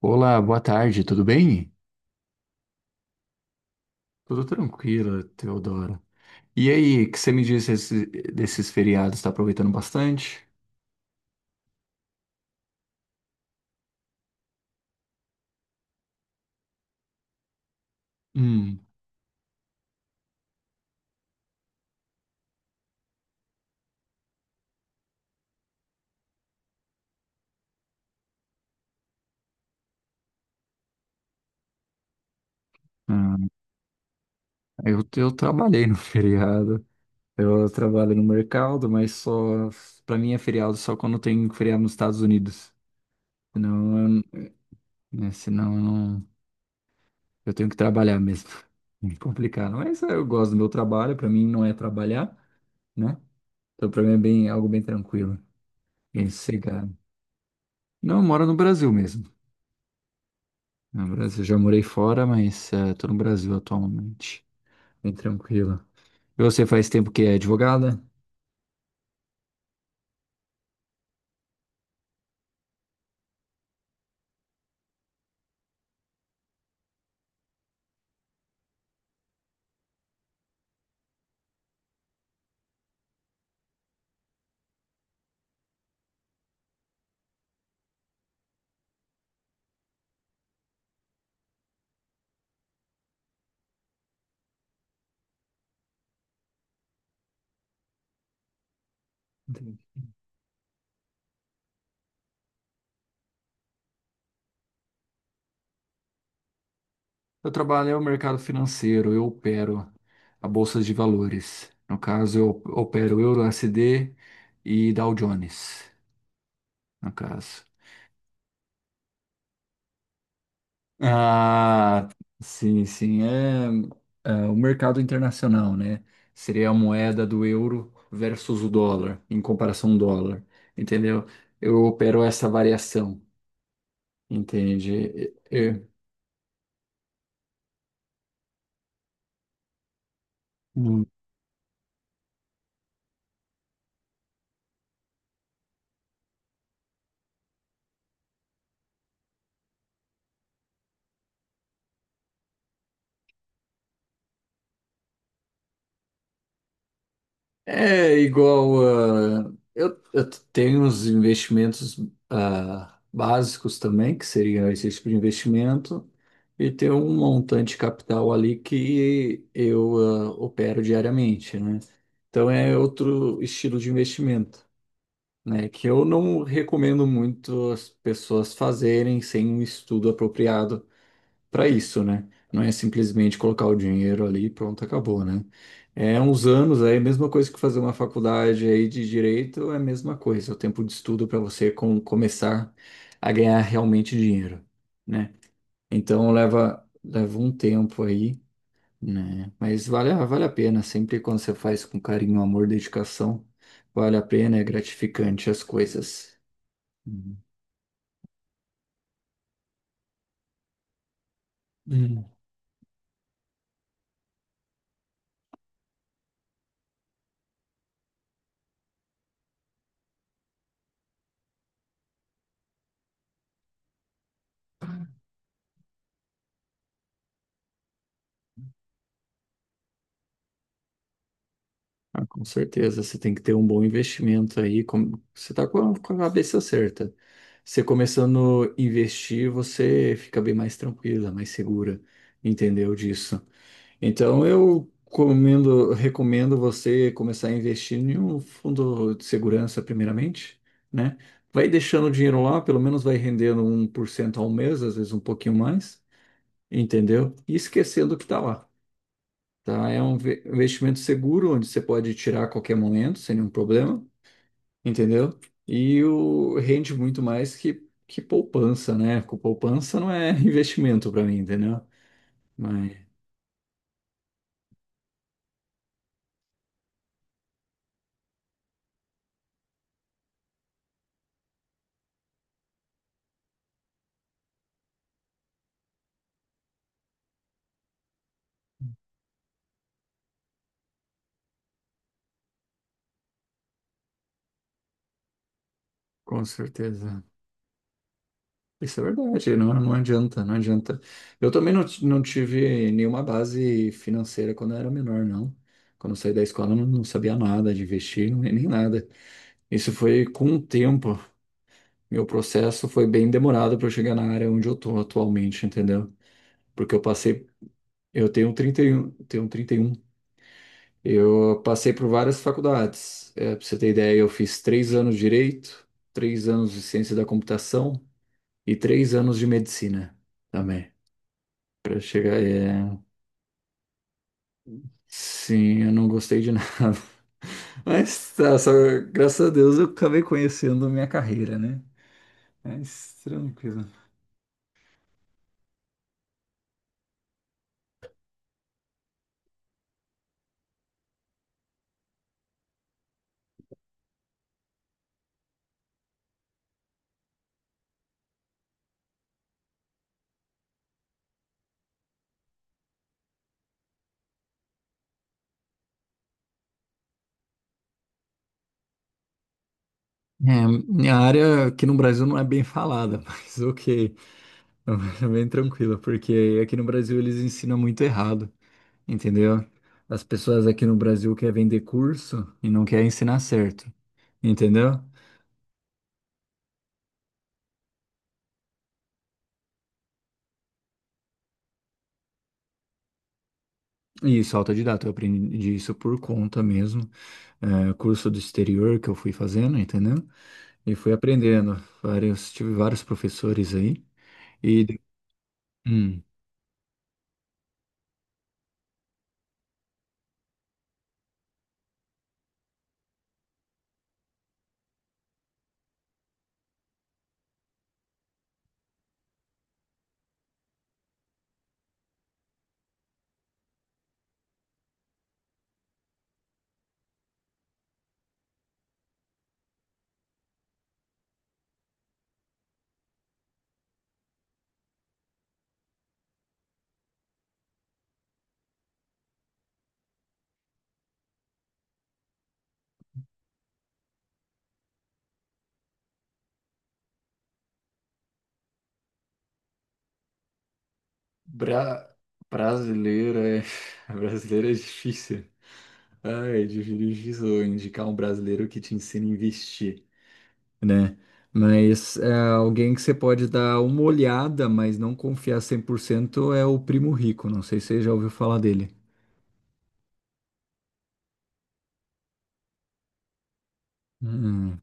Olá, boa tarde, tudo bem? Tudo tranquilo, Teodoro. E aí, o que você me disse desses feriados? Está aproveitando bastante? Hum. Ah, eu trabalhei no feriado. Eu trabalho no mercado, mas só para mim é feriado só quando tem feriado nos Estados Unidos. Senão, eu, né, senão eu não, eu tenho que trabalhar mesmo. É complicado. Mas eu gosto do meu trabalho. Para mim não é trabalhar, né? Então para mim é bem algo bem tranquilo, bem sossegado. Não, eu moro no Brasil mesmo. No Brasil, já morei fora, mas tô no Brasil atualmente. Bem tranquila. E você faz tempo que é advogada? Entendi. Eu trabalho no mercado financeiro, eu opero a bolsa de valores. No caso, eu opero Euro USD e Dow Jones, no caso. Ah, sim, sim, é, é o mercado internacional, né? Seria a moeda do euro versus o dólar, em comparação ao dólar, entendeu? Eu opero essa variação. Entende? É igual a. Eu tenho uns investimentos básicos também, que seria esse tipo de investimento, e tem um montante de capital ali que eu opero diariamente, né? Então é outro estilo de investimento, né? Que eu não recomendo muito as pessoas fazerem sem um estudo apropriado para isso, né? Não é simplesmente colocar o dinheiro ali e pronto, acabou, né? É uns anos aí, a mesma coisa que fazer uma faculdade aí de direito, é a mesma coisa, o tempo de estudo para você começar a ganhar realmente dinheiro, né? Então leva um tempo aí, né? Mas vale a pena, sempre quando você faz com carinho, amor, dedicação, vale a pena, é gratificante as coisas. Uhum. Ah, com certeza, você tem que ter um bom investimento aí. Você está com com a cabeça certa. Você começando a investir, você fica bem mais tranquila, mais segura, entendeu disso? Então, eu recomendo você começar a investir em um fundo de segurança, primeiramente, né? Vai deixando o dinheiro lá, pelo menos vai rendendo 1% ao mês, às vezes um pouquinho mais, entendeu? E esquecendo o que está lá, tá? É um investimento seguro, onde você pode tirar a qualquer momento, sem nenhum problema, entendeu? E o rende muito mais que poupança, né? Com poupança não é investimento para mim, entendeu? Mas com certeza. Isso é verdade, não não adianta, não adianta. Eu também não tive nenhuma base financeira quando eu era menor, não. Quando eu saí da escola, eu não sabia nada de investir, nem nada. Isso foi com o tempo. Meu processo foi bem demorado para eu chegar na área onde eu tô atualmente, entendeu? Porque eu passei, eu tenho 31, tenho 31. Eu passei por várias faculdades. É, para você ter ideia, eu fiz 3 anos de direito, 3 anos de ciência da computação e 3 anos de medicina também. Para chegar, é... Sim, eu não gostei de nada. Mas tá, só, graças a Deus eu acabei conhecendo a minha carreira, né? Mas tranquilo. É, minha área aqui no Brasil não é bem falada, mas ok, é bem tranquila, porque aqui no Brasil eles ensinam muito errado, entendeu? As pessoas aqui no Brasil querem vender curso e não querem ensinar certo, entendeu? E isso, autodidata, eu aprendi isso por conta mesmo, é, curso do exterior que eu fui fazendo, entendeu? E fui aprendendo, vários, tive vários professores aí, e... Hum. Bra... Brasileira é... Brasileira é difícil. Ai, é difícil indicar um brasileiro que te ensina a investir, né? Mas é, alguém que você pode dar uma olhada, mas não confiar 100% é o Primo Rico. Não sei se você já ouviu falar dele. Hum,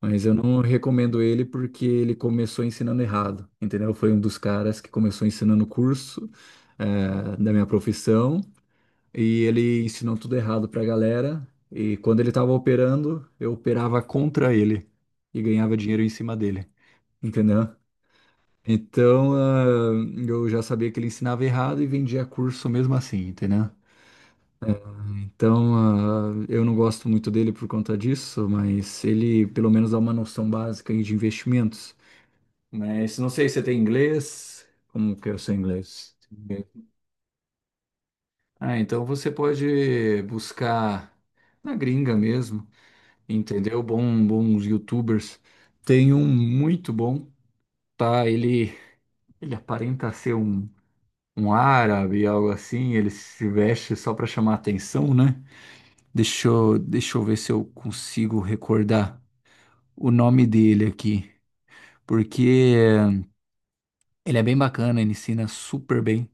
mas eu não recomendo ele porque ele começou ensinando errado, entendeu? Foi um dos caras que começou ensinando o curso é, da minha profissão e ele ensinou tudo errado pra galera. E quando ele tava operando, eu operava contra ele e ganhava dinheiro em cima dele. Entendeu? Então, eu já sabia que ele ensinava errado e vendia curso mesmo assim, entendeu? Então, eu não gosto muito dele por conta disso, mas ele pelo menos dá uma noção básica aí de investimentos. Mas não sei se você tem inglês. Como que é o seu inglês? Ah, então você pode buscar na gringa mesmo, entendeu? Bom, bons YouTubers. Tem um muito bom, tá? Ele aparenta ser um. Um árabe, algo assim, ele se veste só para chamar atenção, né? Deixa eu ver se eu consigo recordar o nome dele aqui, porque ele é bem bacana, ele ensina super bem,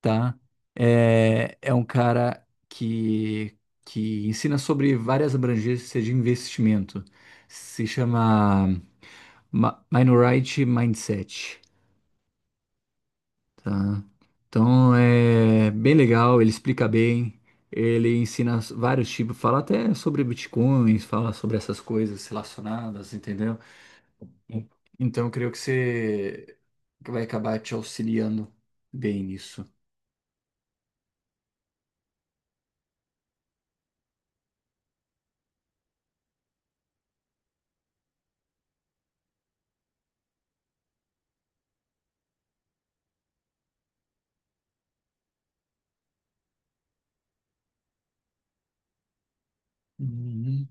tá? É, é um cara que ensina sobre várias abrangências de investimento. Se chama Minority Mindset. Tá. Então é bem legal, ele explica bem, ele ensina vários tipos, fala até sobre bitcoins, fala sobre essas coisas relacionadas, entendeu? Sim. Então eu creio que você que vai acabar te auxiliando bem nisso. Uhum.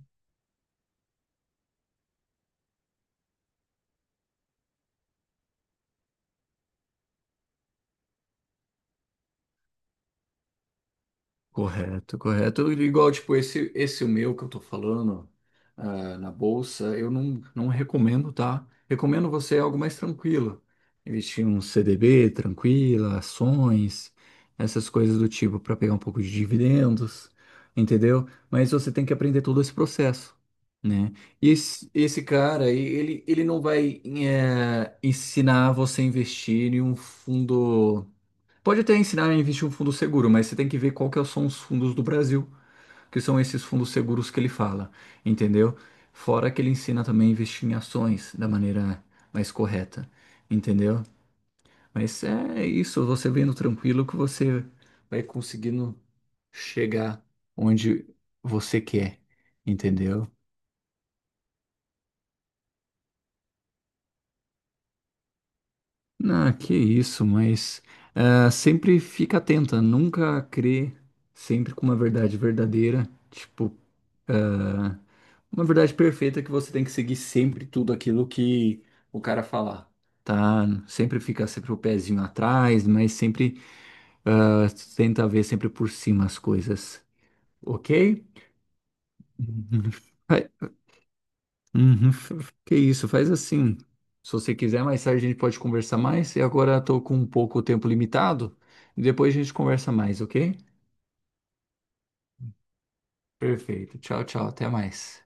Correto, correto. Igual, tipo, esse o meu que eu tô falando na bolsa, eu não recomendo, tá? Recomendo você algo mais tranquilo. Investir em um CDB tranquila, ações, essas coisas do tipo, para pegar um pouco de dividendos, entendeu? Mas você tem que aprender todo esse processo, né? E esse cara, aí, ele não vai ensinar você a investir em um fundo. Pode até ensinar a investir um fundo seguro, mas você tem que ver qual que são os fundos do Brasil, que são esses fundos seguros que ele fala, entendeu? Fora que ele ensina também a investir em ações da maneira mais correta, entendeu? Mas é isso, você vendo tranquilo que você vai conseguindo chegar onde você quer, entendeu? Ah, que isso, mas sempre fica atenta, nunca crê sempre com uma verdade verdadeira, tipo ah, uma verdade perfeita é que você tem que seguir sempre tudo aquilo que o cara falar, tá? Sempre fica sempre o pezinho atrás, mas sempre ah, tenta ver sempre por cima as coisas, ok? Uhum. Vai- Uhum, que isso, faz assim. Se você quiser, mais tarde a gente pode conversar mais. E agora estou com um pouco o tempo limitado. E depois a gente conversa mais, ok? Perfeito. Tchau, tchau. Até mais.